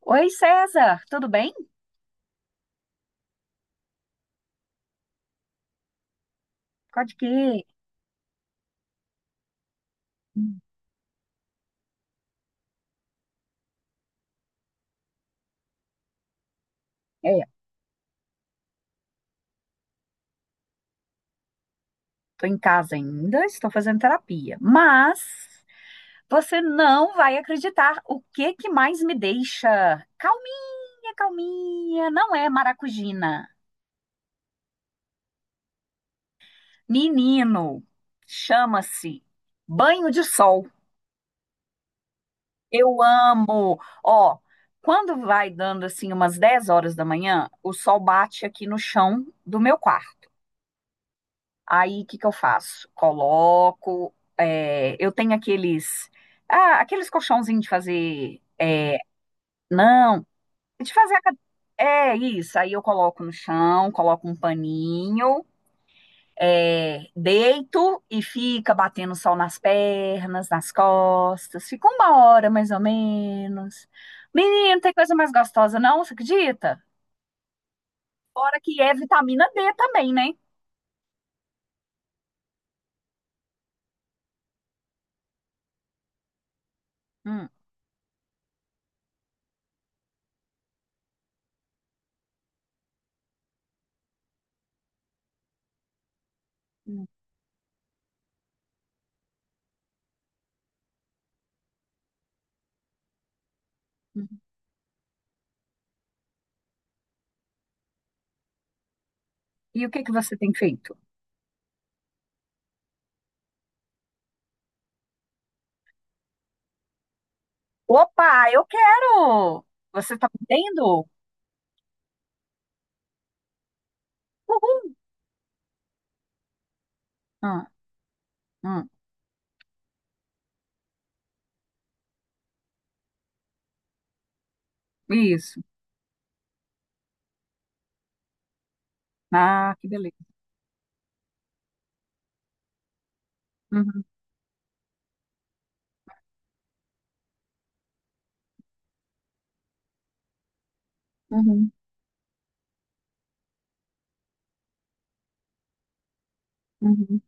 Oi, César, tudo bem? Pode que. É, tô em casa ainda, estou fazendo terapia, mas você não vai acreditar o que que mais me deixa calminha, calminha. Não é maracujina. Menino, chama-se banho de sol. Eu amo. Ó, quando vai dando assim umas 10 horas da manhã, o sol bate aqui no chão do meu quarto. Aí, o que que eu faço? Coloco, eu tenho aqueles colchãozinhos de fazer, não, de fazer, é isso, aí eu coloco no chão, coloco um paninho, deito e fica batendo sol nas pernas, nas costas, fica uma hora mais ou menos. Menino, não tem coisa mais gostosa não, você acredita? Fora que é vitamina D também, né? Hum. Hum, hum. E o que que você tem feito? Opa, eu quero! Você tá vendo? Uhum. Ah, ah, isso. Ah, que beleza. Uhum, uhum, uhum,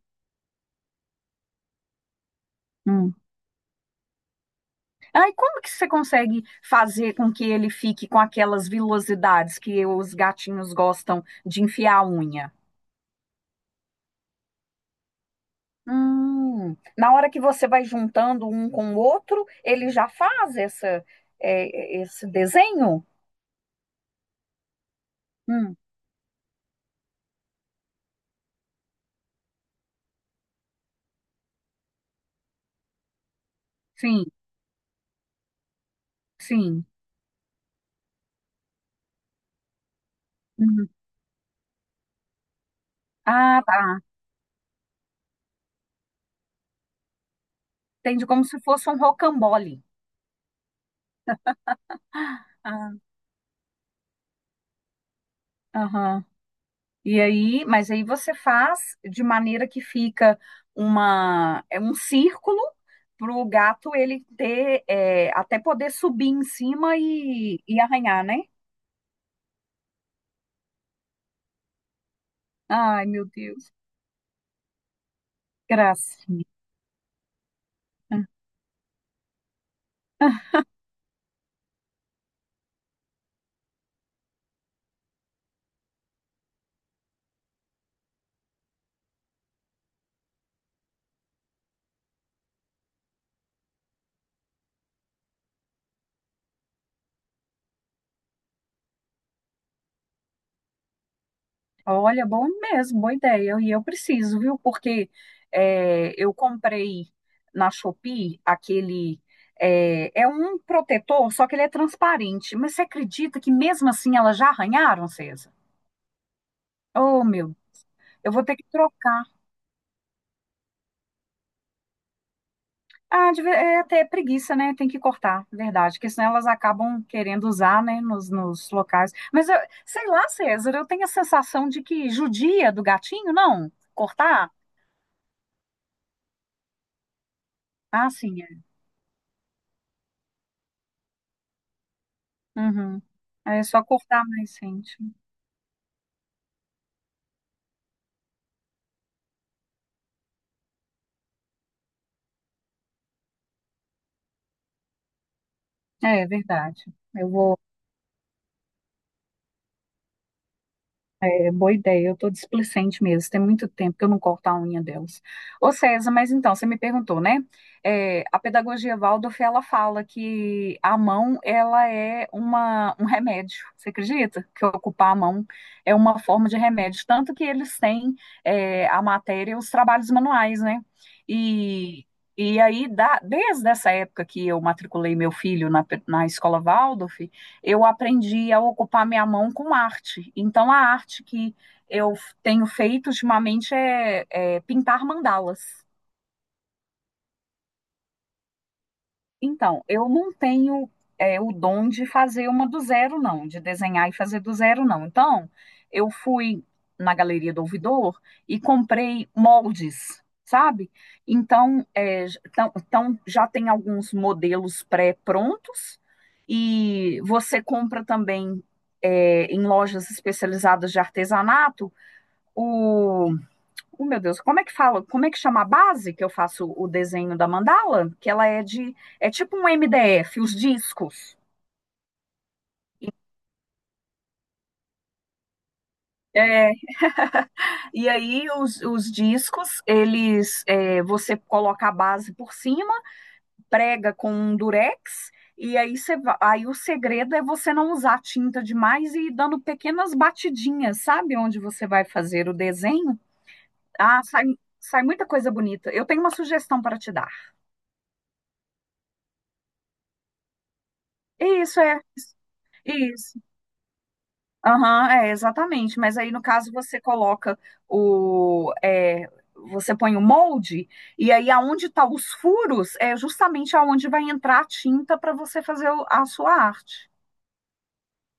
uhum. Ah, e como que você consegue fazer com que ele fique com aquelas vilosidades que os gatinhos gostam de enfiar a unha? Na hora que você vai juntando um com o outro, ele já faz esse desenho? Hum, sim, sim. Uhum. Ah, tá. Entende como se fosse um rocambole. Ah, aham. E aí, mas aí você faz de maneira que fica uma, é um círculo para o gato ele ter, é, até poder subir em cima e arranhar, né? Ai, meu Deus, gracinha. Olha, bom mesmo, boa ideia. E eu preciso, viu? Porque é, eu comprei na Shopee aquele. É, é um protetor, só que ele é transparente. Mas você acredita que mesmo assim elas já arranharam, César? Oh, meu eu vou ter que trocar. Ah, é até preguiça, né? Tem que cortar, verdade, porque senão elas acabam querendo usar, né, nos locais. Mas eu, sei lá, César, eu tenho a sensação de que judia do gatinho, não? Cortar? Ah, sim, é. Uhum. É só cortar mais, gente. É, é verdade. Eu vou. É, boa ideia, eu tô displicente mesmo. Tem muito tempo que eu não corto a unha delas. Ô César, mas então, você me perguntou, né? É, a pedagogia Waldorf, ela fala que a mão, ela é uma, um remédio. Você acredita que ocupar a mão é uma forma de remédio? Tanto que eles têm a matéria, os trabalhos manuais, né? E, e aí, desde essa época que eu matriculei meu filho na escola Waldorf, eu aprendi a ocupar minha mão com arte. Então, a arte que eu tenho feito ultimamente é pintar mandalas. Então, eu não tenho o dom de fazer uma do zero, não, de desenhar e fazer do zero, não. Então, eu fui na Galeria do Ouvidor e comprei moldes, sabe? Então, então já tem alguns modelos pré-prontos e você compra também em lojas especializadas de artesanato. Oh, meu Deus, como é que fala? Como é que chama a base que eu faço o desenho da mandala? Que ela é de. É tipo um MDF, os discos. É, e aí os discos, eles você coloca a base por cima, prega com um durex, e aí, aí o segredo é você não usar tinta demais e ir dando pequenas batidinhas, sabe? Onde você vai fazer o desenho. Ah, sai, sai muita coisa bonita. Eu tenho uma sugestão para te dar. Isso é, isso. Aham, exatamente. Mas aí, no caso, você coloca o. é, você põe o molde, e aí aonde estão os furos é justamente aonde vai entrar a tinta para você fazer a sua arte,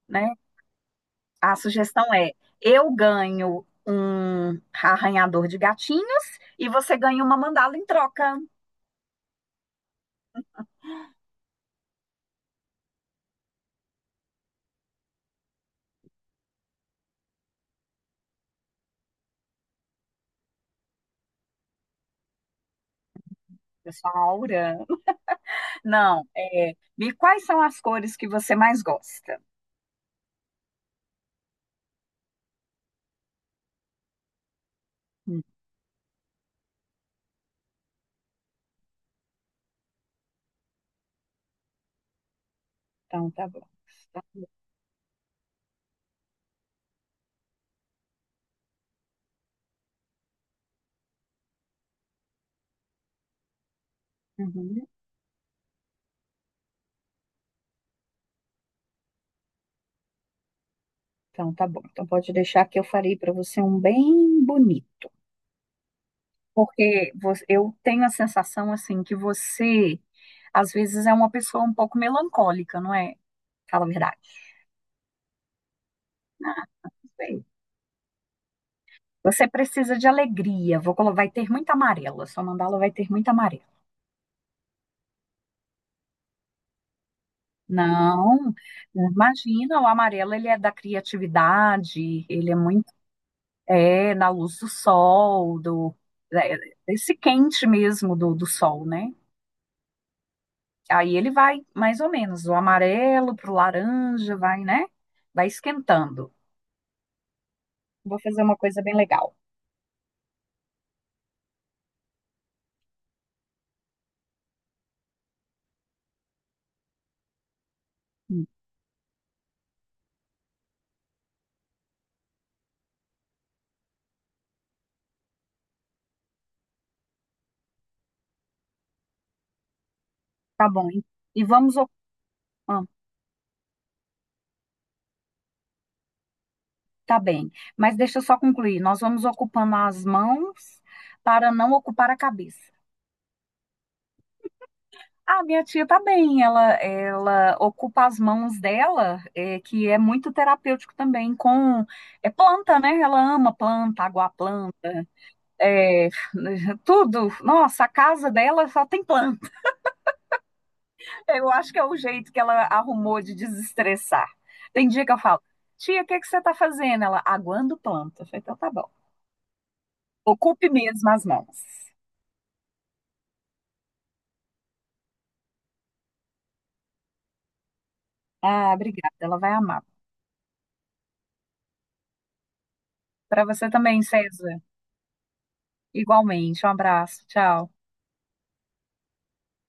né? A sugestão é: eu ganho um arranhador de gatinhos e você ganha uma mandala em troca. Eu sou a Aura. Não, é. E quais são as cores que você mais gosta? Hum, Então, tá bom. Tá. Uhum. Então, tá bom. Então, pode deixar que eu farei para você um bem bonito. Porque eu tenho a sensação, assim, que você, às vezes, é uma pessoa um pouco melancólica, não é? Fala a verdade. Bem, você precisa de alegria. Vai ter muita amarela. Sua mandala vai ter muita amarela. Não, imagina, o amarelo, ele é da criatividade, ele é na luz do sol, é, desse quente mesmo do, do sol, né? Aí ele vai mais ou menos do amarelo pro laranja, vai, né? Vai esquentando. Vou fazer uma coisa bem legal. Hum, Tá bom. Hein? E vamos. oc- ah, tá bem. Mas deixa eu só concluir. Nós vamos ocupando as mãos para não ocupar a cabeça. Ah, minha tia tá bem. Ela ocupa as mãos dela, que é muito terapêutico também, com. É planta, né? Ela ama planta, água planta, é, tudo. Nossa, a casa dela só tem planta. Eu acho que é o jeito que ela arrumou de desestressar. Tem dia que eu falo, tia, o que é que você tá fazendo? Ela, aguando planta. Eu falei, então tá bom. Ocupe mesmo as mãos. Ah, obrigada, ela vai amar. Para você também, César. Igualmente. Um abraço. Tchau.